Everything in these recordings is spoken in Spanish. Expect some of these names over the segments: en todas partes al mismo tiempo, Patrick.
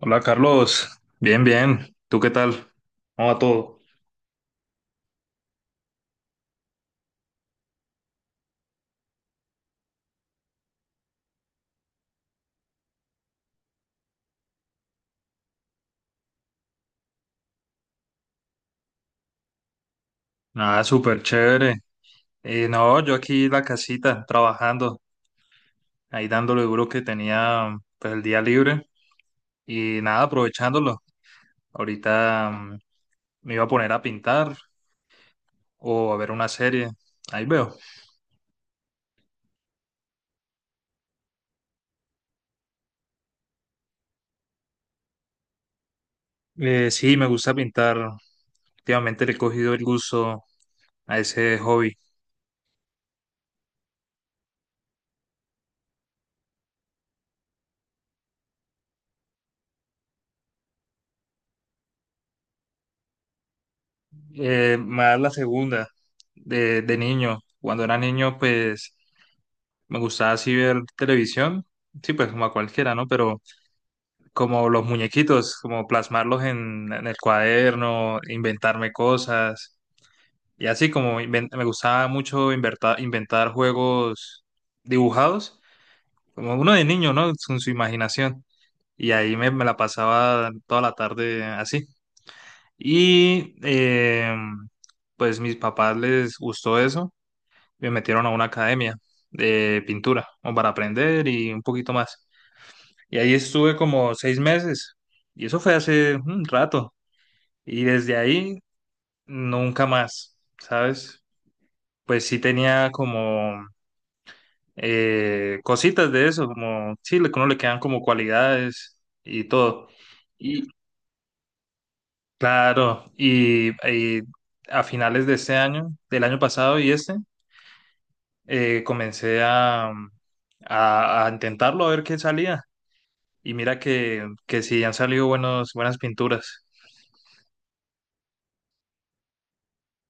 Hola Carlos, bien, bien. ¿Tú qué tal? ¿Cómo va todo? Nada, súper chévere. No, yo aquí en la casita trabajando, ahí dándole duro que tenía pues el día libre y nada, aprovechándolo. Ahorita me iba a poner a pintar o a ver una serie. Ahí veo. Sí, me gusta pintar. Últimamente le he cogido el gusto a ese hobby. Más la segunda, de niño. Cuando era niño, pues me gustaba así ver televisión, sí, pues como a cualquiera, ¿no? Pero como los muñequitos, como plasmarlos en el cuaderno, inventarme cosas. Y así como me gustaba mucho inventar, inventar juegos dibujados, como uno de niño, ¿no? Con su imaginación. Y ahí me la pasaba toda la tarde así. Y pues mis papás les gustó eso, me metieron a una academia de pintura, como para aprender y un poquito más. Y ahí estuve como seis meses. Y eso fue hace un rato. Y desde ahí, nunca más, ¿sabes? Pues sí tenía como cositas de eso, como sí, uno le quedan como cualidades y todo. Y claro, y a finales de este año, del año pasado y este, comencé a, a intentarlo a ver qué salía. Y mira que sí han salido buenos, buenas pinturas.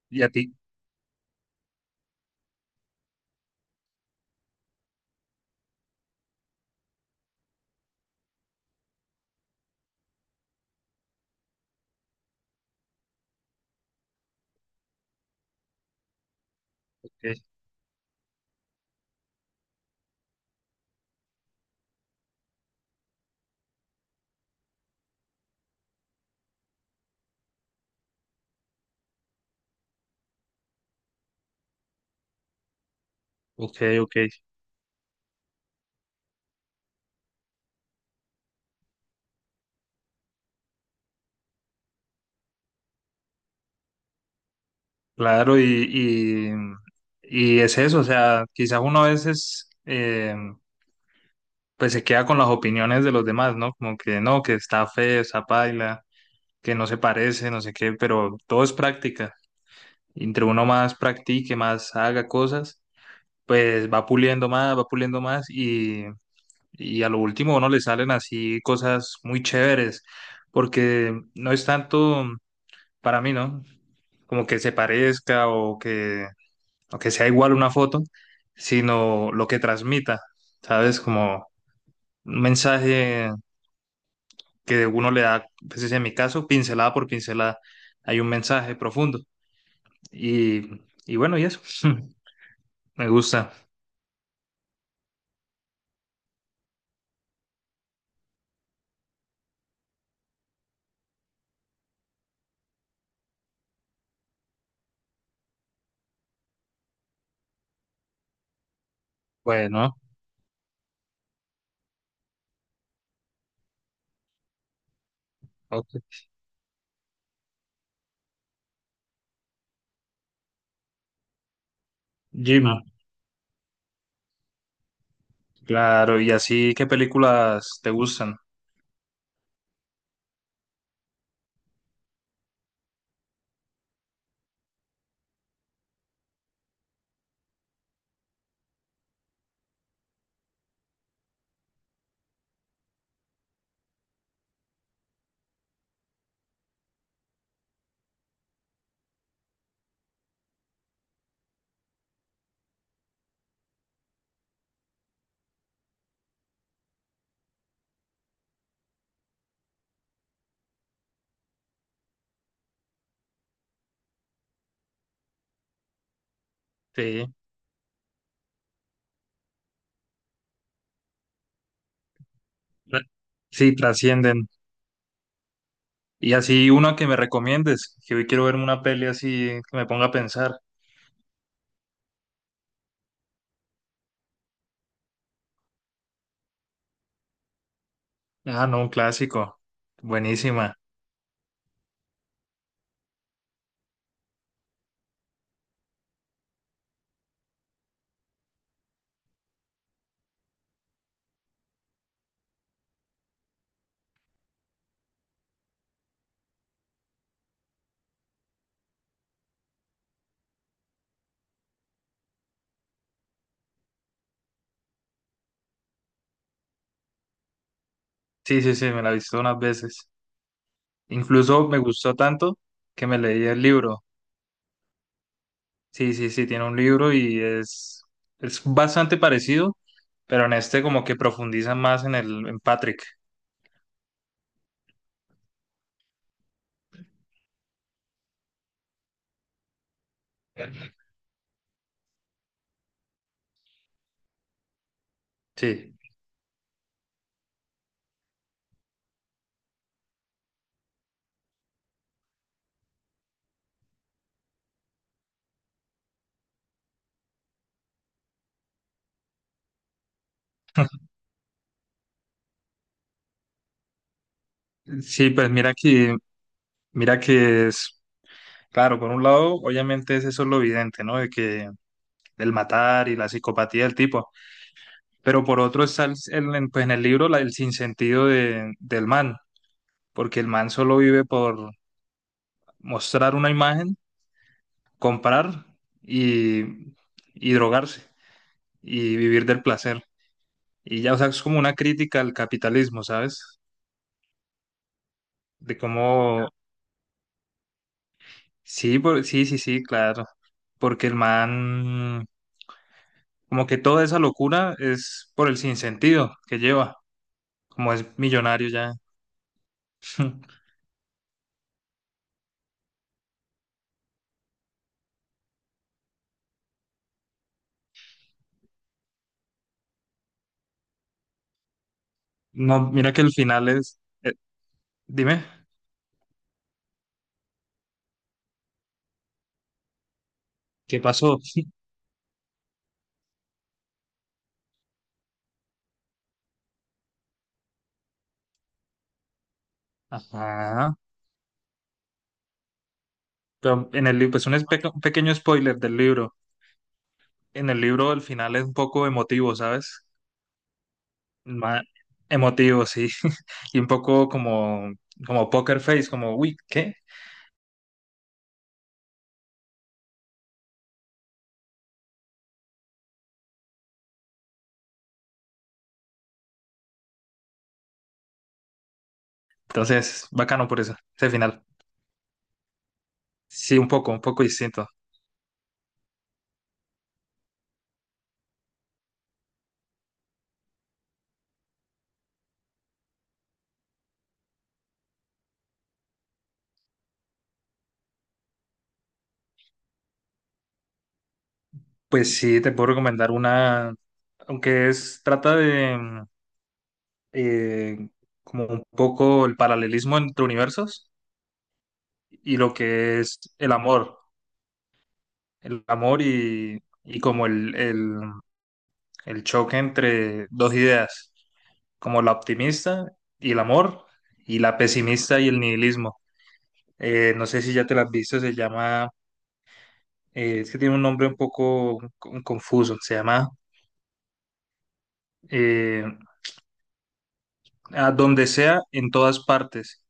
¿Y a ti? Ok, ok, claro, y es eso, o sea, quizás uno a veces pues se queda con las opiniones de los demás, ¿no? Como que no, que está feo, está paila, que no se parece, no sé qué, pero todo es práctica. Entre uno más practique, más haga cosas, pues va puliendo más y a lo último a uno le salen así cosas muy chéveres, porque no es tanto para mí, ¿no? Como que se parezca o que aunque sea igual una foto, sino lo que transmita, ¿sabes? Como un mensaje que uno le da, pues en mi caso, pincelada por pincelada, hay un mensaje profundo. Y, y bueno, y eso, me gusta. Bueno, ok. Jim, claro, y así, ¿qué películas te gustan? Sí, tra- sí, trascienden. Y así una que me recomiendes, que hoy quiero verme una peli así que me ponga a pensar. Ah, no, un clásico. Buenísima. Sí, sí, sí, me la he visto unas veces. Incluso me gustó tanto que me leí el libro. Sí, sí, sí, tiene un libro y es bastante parecido, pero en este como que profundiza más en el, en Patrick. Sí. Sí, pues mira que es, claro, por un lado, obviamente es eso lo evidente, ¿no? De que el matar y la psicopatía del tipo, pero por otro está el, en, pues en el libro la, el sinsentido de, del man, porque el man solo vive por mostrar una imagen comprar y, y drogarse y vivir del placer. Y ya, o sea, es como una crítica al capitalismo, ¿sabes? De cómo, sí, sí, sí, sí, claro. Porque el man, como que toda esa locura es por el sinsentido que lleva, como es millonario ya. No, mira que el final es, dime, ¿qué pasó? Ajá. Pero en el libro, pues un un pequeño spoiler del libro. En el libro el final es un poco emotivo, ¿sabes? ma- emotivo, sí. Y un poco como, como poker face, como, uy, ¿qué? Entonces, bacano por eso, ese final. Sí, un poco distinto. Pues sí, te puedo recomendar una, aunque es, trata de eh, como un poco el paralelismo entre universos y lo que es el amor y como el choque entre dos ideas, como la optimista y el amor y la pesimista y el nihilismo. No sé si ya te la has visto, se llama, es que tiene un nombre un poco confuso, se llama eh, A donde sea, en todas partes.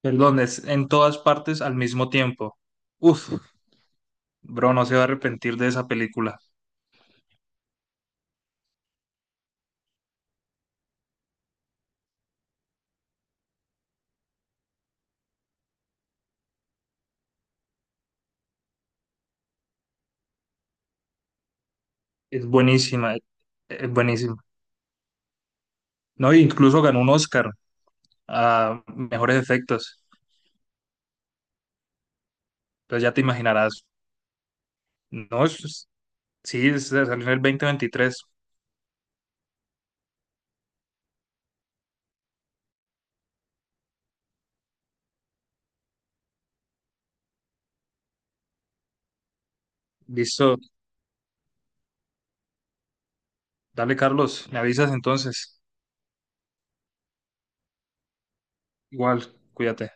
Perdón, es en todas partes al mismo tiempo. Uf, bro, no se va a arrepentir de esa película. Es buenísima, es buenísima. No, e incluso ganó un Oscar a mejores efectos. Entonces ya te imaginarás. No, es sí, salió en el 2023. Listo. Dale, Carlos. Me avisas entonces. Igual, cuídate.